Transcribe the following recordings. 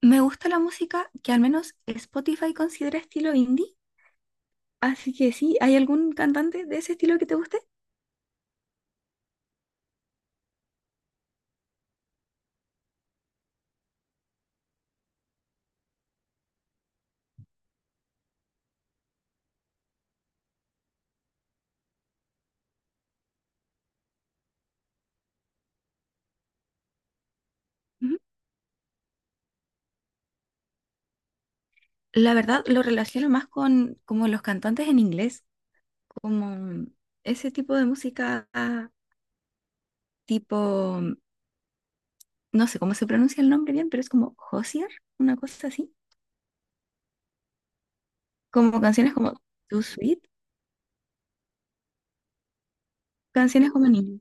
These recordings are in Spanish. Me gusta la música que al menos Spotify considera estilo indie, así que sí, ¿hay algún cantante de ese estilo que te guste? Ujú. La verdad, lo relaciono más con como los cantantes en inglés, como ese tipo de música ah, tipo, no sé cómo se pronuncia el nombre bien, pero es como Hozier, una cosa así, como canciones como Too Sweet, canciones como niños.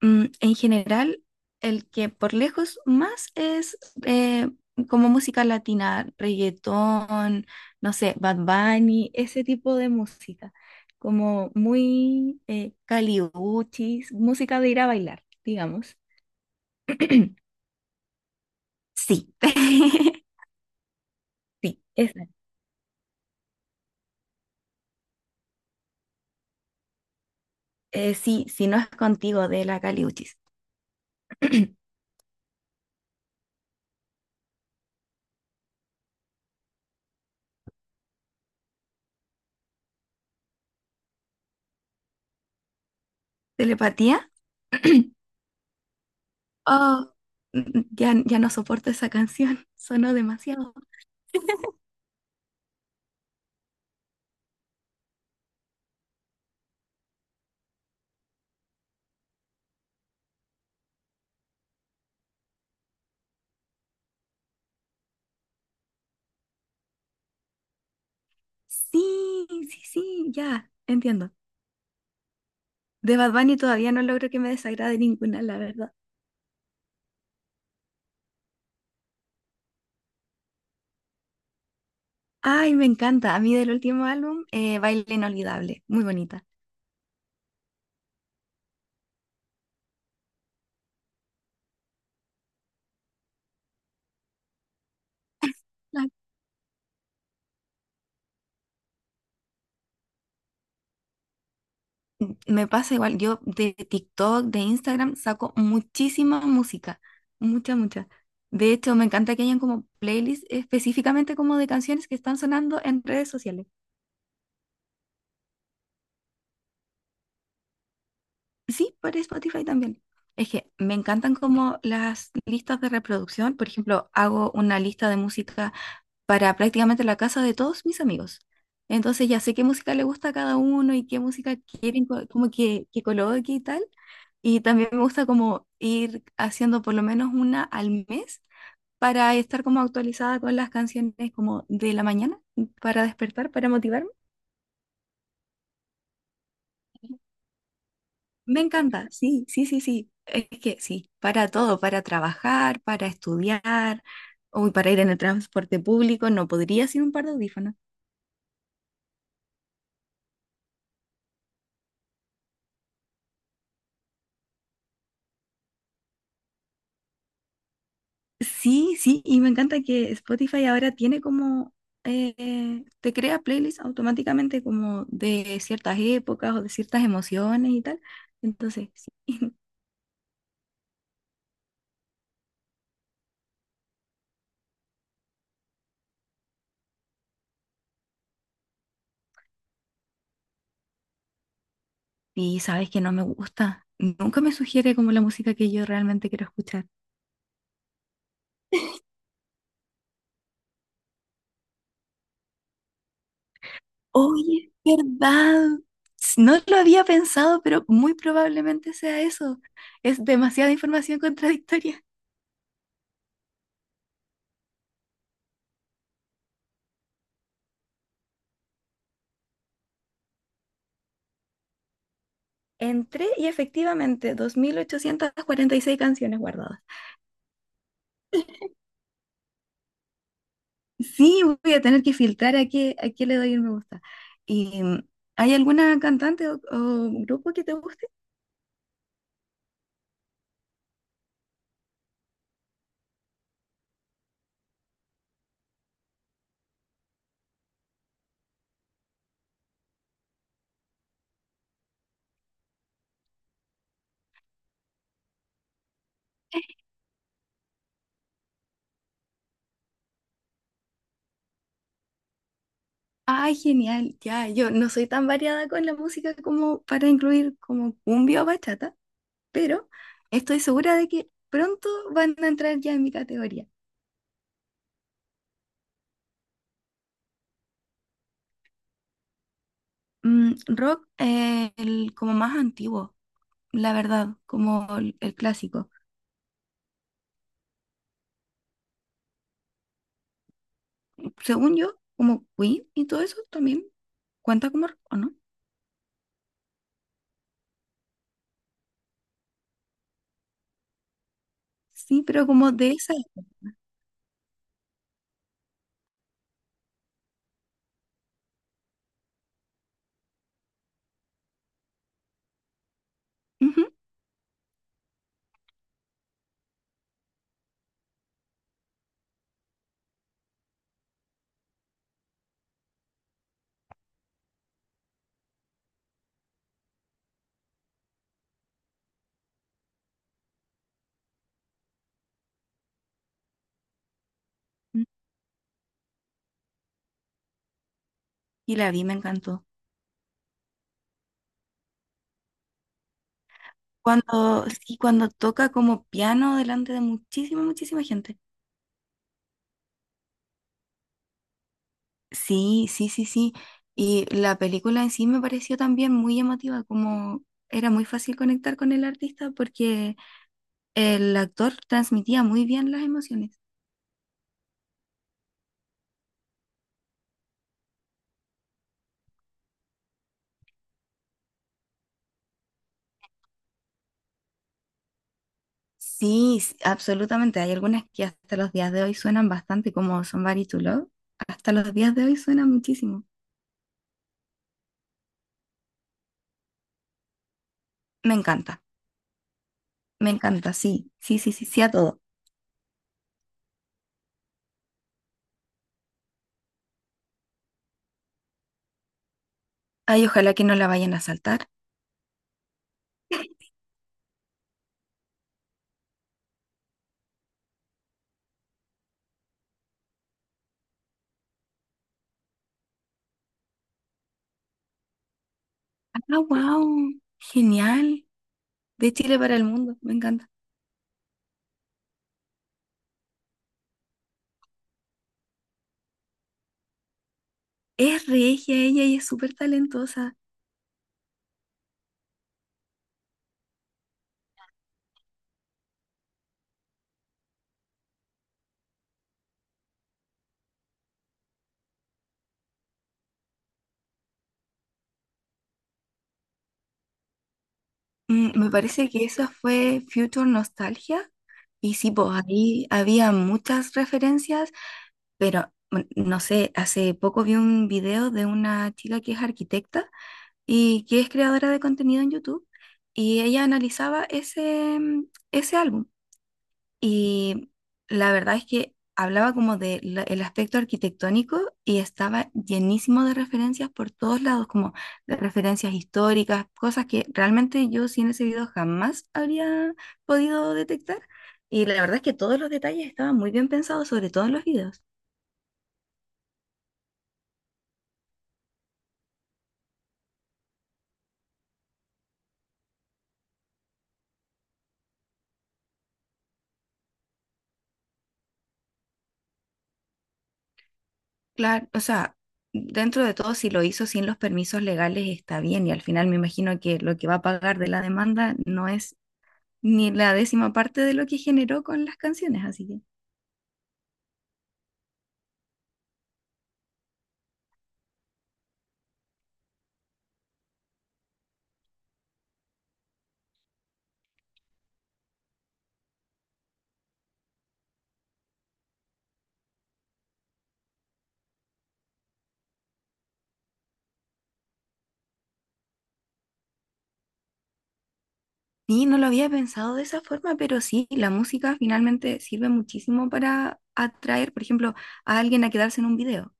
En general, el que por lejos más es eh, como música latina, reggaetón, no sé, Bad Bunny, ese tipo de música, como muy caliuchis, música de ir a bailar, digamos. Sí, sí, esa. Sí, si no es contigo de la caliuchis. ¿Telepatía? Oh, ya, ya no soporto esa canción, sonó demasiado. Sí, sí, sí, ya, entiendo. De Bad Bunny todavía no logro que me desagrade ninguna, la verdad. Ay, me encanta. A mí del último álbum, Baile Inolvidable, muy bonita. La- Me pasa igual, yo de TikTok, de Instagram, saco muchísima música, mucha, mucha. De hecho, me encanta que hayan como playlists específicamente como de canciones que están sonando en redes sociales. Sí, por Spotify también. Es que me encantan como las listas de reproducción. Por ejemplo, hago una lista de música para prácticamente la casa de todos mis amigos. Entonces ya sé qué música le gusta a cada uno y qué música como que coloque y tal. Y también me gusta como ir haciendo por lo menos una al mes para estar como actualizada con las canciones como de la mañana, para despertar, para motivarme. Me encanta, sí, sí, sí, sí. Es que sí, para todo, para trabajar, para estudiar, o para ir en el transporte público, no podría sin un par de audífonos. Sí, sí, y me encanta que Spotify ahora tiene como, te crea playlists automáticamente como de ciertas épocas o de ciertas emociones y tal. Entonces, sí. Y sabes que no me gusta. Nunca me sugiere como la música que yo realmente quiero escuchar. Oye, es verdad. No lo había pensado, pero muy probablemente sea eso. Es demasiada información contradictoria. Entré y efectivamente, 2.846 canciones guardadas. Sí, voy a tener que filtrar a qué le doy el me gusta. Y, mm, ¿Hay alguna cantante o grupo que te guste? Ay, genial, ya, yo no soy tan variada con la música como para incluir como cumbia o bachata, pero estoy segura de que pronto van a entrar ya en mi categoría. Rock, el como más antiguo, la verdad, como el clásico. Según yo, como Queen y todo eso también cuenta como rock, ¿o no? Sí, pero como de esa. Ujú. Y la vi, me encantó. Cuando, sí, cuando toca como piano delante de muchísima, muchísima gente. Sí, sí, sí, sí. Y la película en sí me pareció también muy llamativa, como era muy fácil conectar con el artista porque el actor transmitía muy bien las emociones. Sí, absolutamente. Hay algunas que hasta los días de hoy suenan bastante, como Somebody to Love. Hasta los días de hoy suena muchísimo. Me encanta, me encanta, sí, sí, sí, sí, sí a todo. Ay, ojalá que no la vayan a saltar. Ah, wow, genial. De Chile para el mundo, me encanta. Es regia ella y es súper talentosa. Me parece que esa fue Future Nostalgia. Y sí, pues ahí había muchas referencias, pero bueno, no sé, hace poco vi un video de una chica que es arquitecta y que es creadora de contenido en YouTube. Y ella analizaba ese ese álbum. Y la verdad es que hablaba como de el aspecto arquitectónico y estaba llenísimo de referencias por todos lados, como de referencias históricas, cosas que realmente yo sin ese video jamás habría podido detectar. Y la verdad es que todos los detalles estaban muy bien pensados, sobre todo en los videos. Claro, o sea, dentro de todo, si lo hizo sin los permisos legales está bien y al final me imagino que lo que va a pagar de la demanda no es ni la décima parte de lo que generó con las canciones, así que... Sí, no lo había pensado de esa forma, pero sí, la música finalmente sirve muchísimo para atraer, por ejemplo, a alguien a quedarse en un video.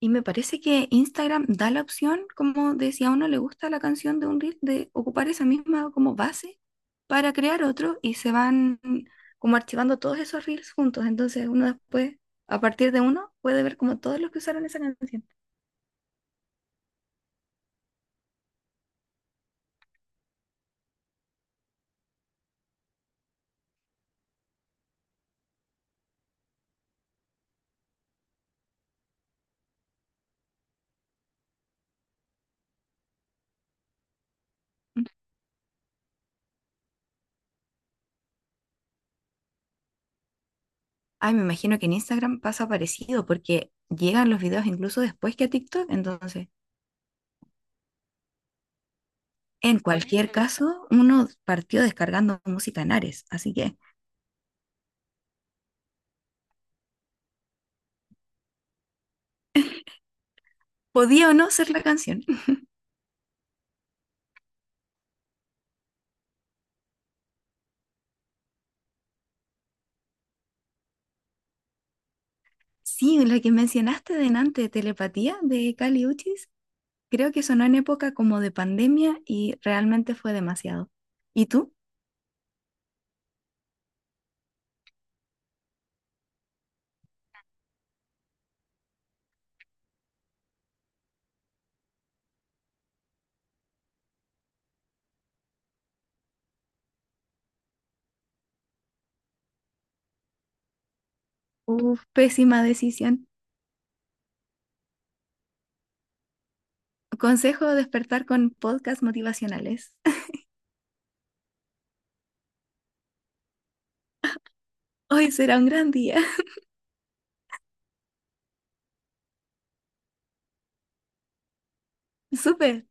Y me parece que Instagram da la opción, como de si a uno le gusta la canción de un reel, de ocupar esa misma como base para crear otro y se van como archivando todos esos reels juntos. Entonces uno después, a partir de uno, puede ver como todos los que usaron esa canción. Mm. Ay, me imagino que en Instagram pasa parecido porque llegan los videos incluso después que a TikTok, entonces. En cualquier Buenísimo. Caso, uno partió descargando música en Ares, así que podía o no ser la canción. Sí, la que mencionaste delante, Telepatía de Cali Uchis, creo que sonó en época como de pandemia y realmente fue demasiado. ¿Y tú? Uf, pésima decisión. Consejo despertar con podcasts motivacionales. Hoy será un gran día. Súper.